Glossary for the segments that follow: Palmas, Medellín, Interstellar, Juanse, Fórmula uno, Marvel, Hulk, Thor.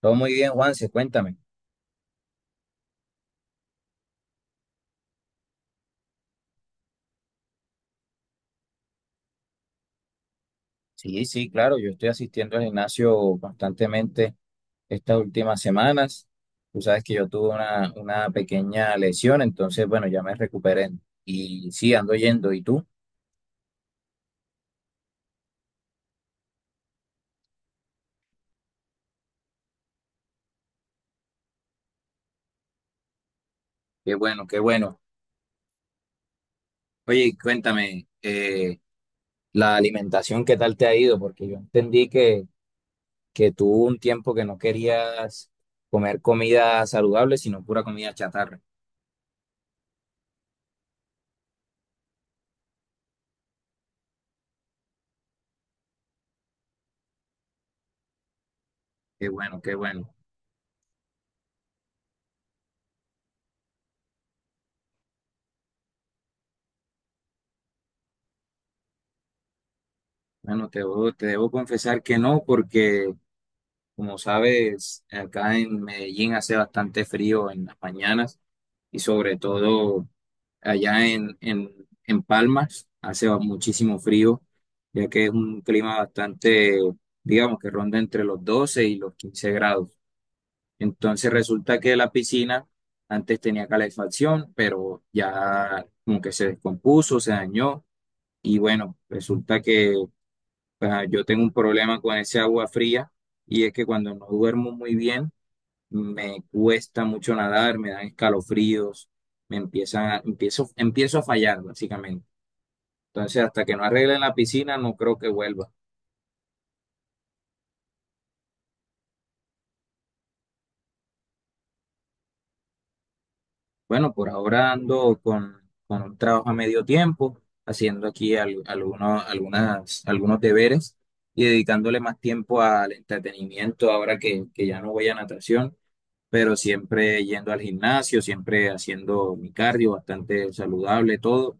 Todo muy bien, Juanse, cuéntame. Sí, sí, claro, yo estoy asistiendo al gimnasio constantemente estas últimas semanas. Tú sabes que yo tuve una pequeña lesión, entonces, bueno, ya me recuperé. Y sí, ando yendo. ¿Y tú? Qué bueno, qué bueno. Oye, cuéntame, la alimentación, ¿qué tal te ha ido? Porque yo entendí que tú hubo un tiempo que no querías comer comida saludable, sino pura comida chatarra. Qué bueno, qué bueno. Bueno, te debo confesar que no, porque como sabes, acá en Medellín hace bastante frío en las mañanas y sobre todo allá en Palmas muchísimo frío, ya que es un clima bastante, digamos, que ronda entre los 12 y los 15 grados. Entonces resulta que la piscina antes tenía calefacción, pero ya como que se descompuso, se dañó y bueno, resulta que yo tengo un problema con ese agua fría y es que cuando no duermo muy bien, me cuesta mucho nadar, me dan escalofríos, empiezo a fallar básicamente. Entonces, hasta que no arregle la piscina, no creo que vuelva. Bueno, por ahora con un trabajo a medio tiempo, haciendo aquí algunos deberes y dedicándole más tiempo al entretenimiento ahora que ya no voy a natación, pero siempre yendo al gimnasio, siempre haciendo mi cardio bastante saludable, todo.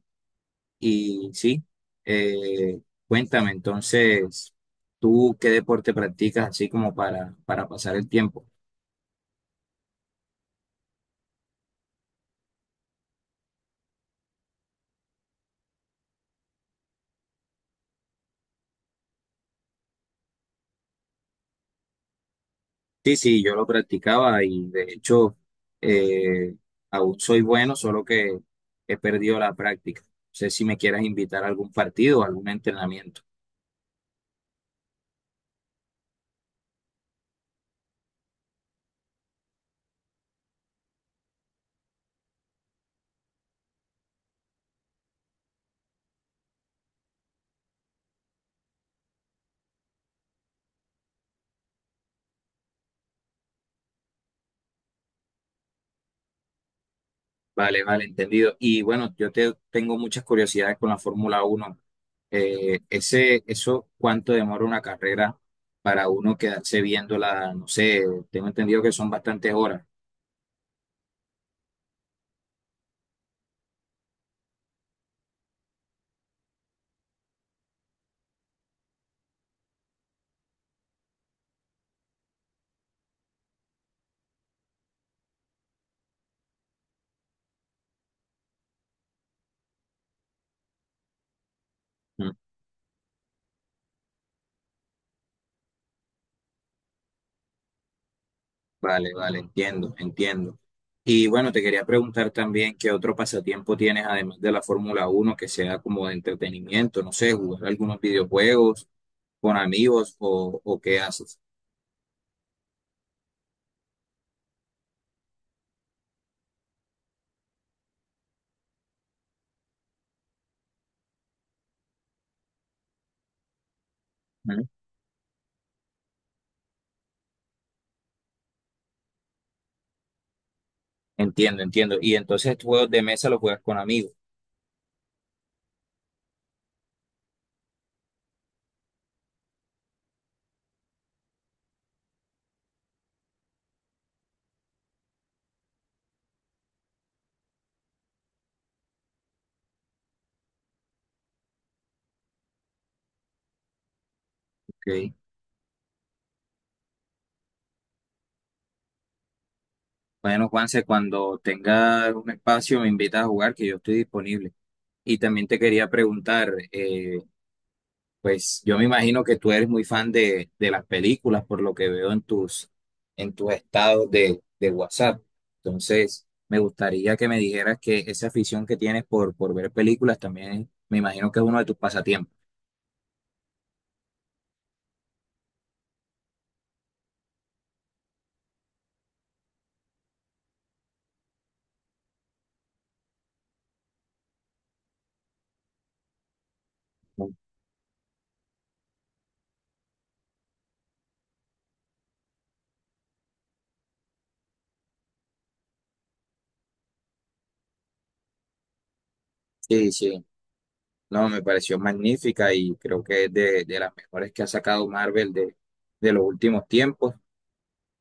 Y sí, eh, cuéntame entonces, ¿tú qué deporte practicas así como para pasar el tiempo? Sí, sí, yo lo practicaba y de hecho, eh, aún soy bueno, solo que he perdido la práctica. No sé si me quieras invitar a algún partido o algún entrenamiento. Vale, vale, entendido. Y bueno, tengo muchas curiosidades con la Fórmula 1. Eso, ¿cuánto demora una carrera para uno quedarse viéndola? No sé, tengo entendido que son bastantes horas. Mm. Vale, vale, entiendo, entiendo. Y bueno, te quería preguntar también qué otro pasatiempo tienes, además de la Fórmula 1, que sea como de entretenimiento, no sé, jugar algunos videojuegos con amigos o qué haces. Mm. Entiendo, entiendo. Y entonces, ¿juegos de mesa los juegas con amigos, ok? Bueno, Juanse, cuando tenga un espacio me invitas a jugar, que yo estoy disponible. Y también te quería preguntar, pues yo me imagino que tú eres muy fan de las películas, por lo que veo en tus estados de WhatsApp. Entonces, me gustaría que me dijeras que esa afición que tienes por ver películas también, me imagino que es uno de tus pasatiempos. Sí, sí. No, me pareció magnífica y creo que es de las mejores que ha sacado Marvel de los últimos tiempos.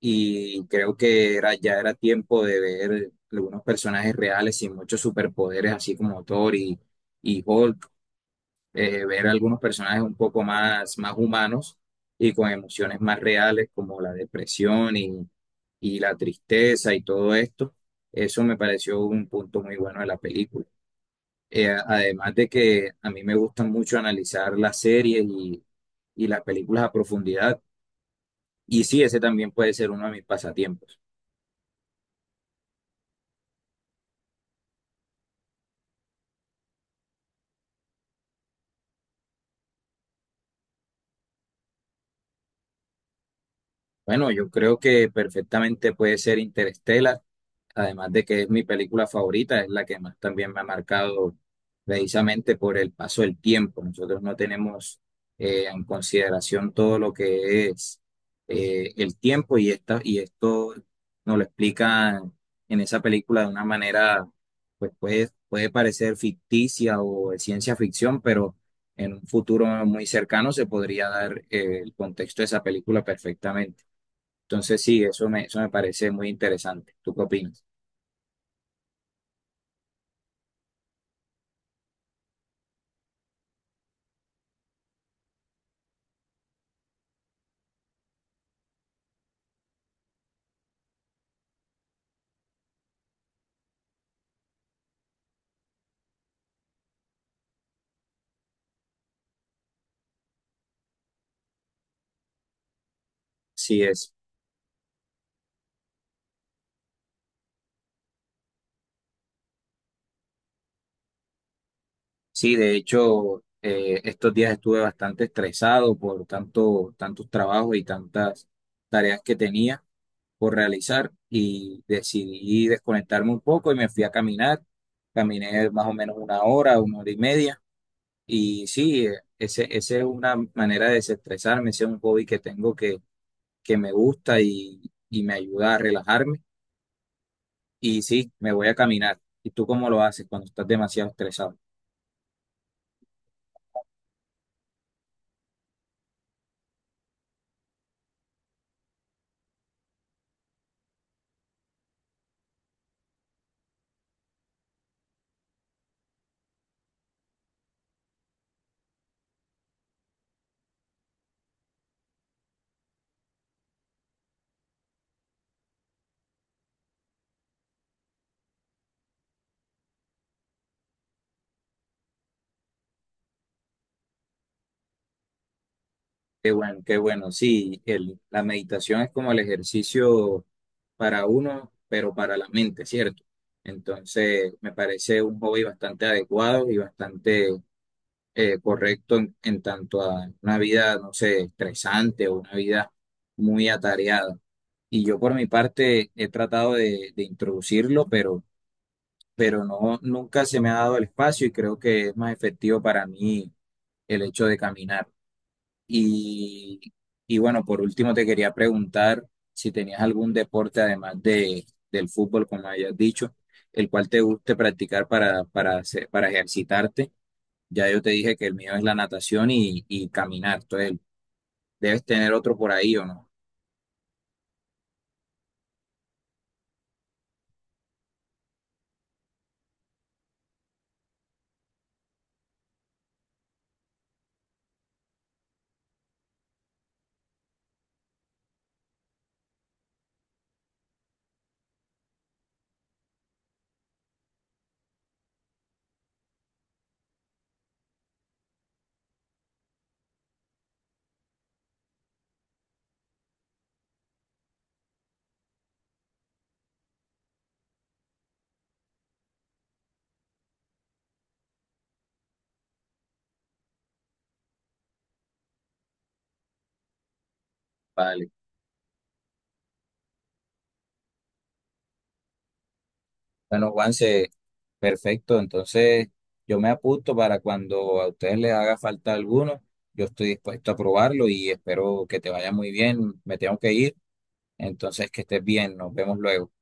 Y creo que ya era tiempo de ver algunos personajes reales sin muchos superpoderes, así como Thor y Hulk. Ver algunos personajes un poco más humanos y con emociones más reales como la depresión y la tristeza y todo esto. Eso me pareció un punto muy bueno de la película. Además de que a mí me gusta mucho analizar las series y las películas a profundidad. Y sí, ese también puede ser uno de mis pasatiempos. Bueno, yo creo que perfectamente puede ser Interstellar, además de que es mi película favorita, es la que más también me ha marcado precisamente por el paso del tiempo. Nosotros no tenemos, en consideración todo lo que es, el tiempo y esto nos lo explican en esa película de una manera, pues puede parecer ficticia o de ciencia ficción, pero en un futuro muy cercano se podría dar, el contexto de esa película perfectamente. Entonces, sí, eso me parece muy interesante. ¿Tú qué opinas? Sí, es. Sí, de hecho, estos días estuve bastante estresado por tanto, tantos trabajos y tantas tareas que tenía por realizar y decidí desconectarme un poco y me fui a caminar. Caminé más o menos una hora y media. Y sí, ese es una manera de desestresarme, ese es un hobby que tengo que me gusta y me ayuda a relajarme. Y sí, me voy a caminar. ¿Y tú cómo lo haces cuando estás demasiado estresado? Qué bueno, qué bueno. Sí, la meditación es como el ejercicio para uno, pero para la mente, ¿cierto? Entonces, me parece un hobby bastante adecuado y bastante, correcto en tanto a una vida, no sé, estresante o una vida muy atareada. Y yo por mi parte he tratado de introducirlo, pero no, nunca se me ha dado el espacio y creo que es más efectivo para mí el hecho de caminar. Y, y bueno, por último te quería preguntar si tenías algún deporte además de, del fútbol, como hayas dicho, el cual te guste practicar para ejercitarte. Ya yo te dije que el mío es la natación y caminar. Entonces, debes tener otro por ahí o no. Vale. Bueno, Juanse, perfecto. Entonces, yo me apunto para cuando a ustedes les haga falta alguno. Yo estoy dispuesto a probarlo y espero que te vaya muy bien. Me tengo que ir. Entonces, que estés bien, nos vemos luego.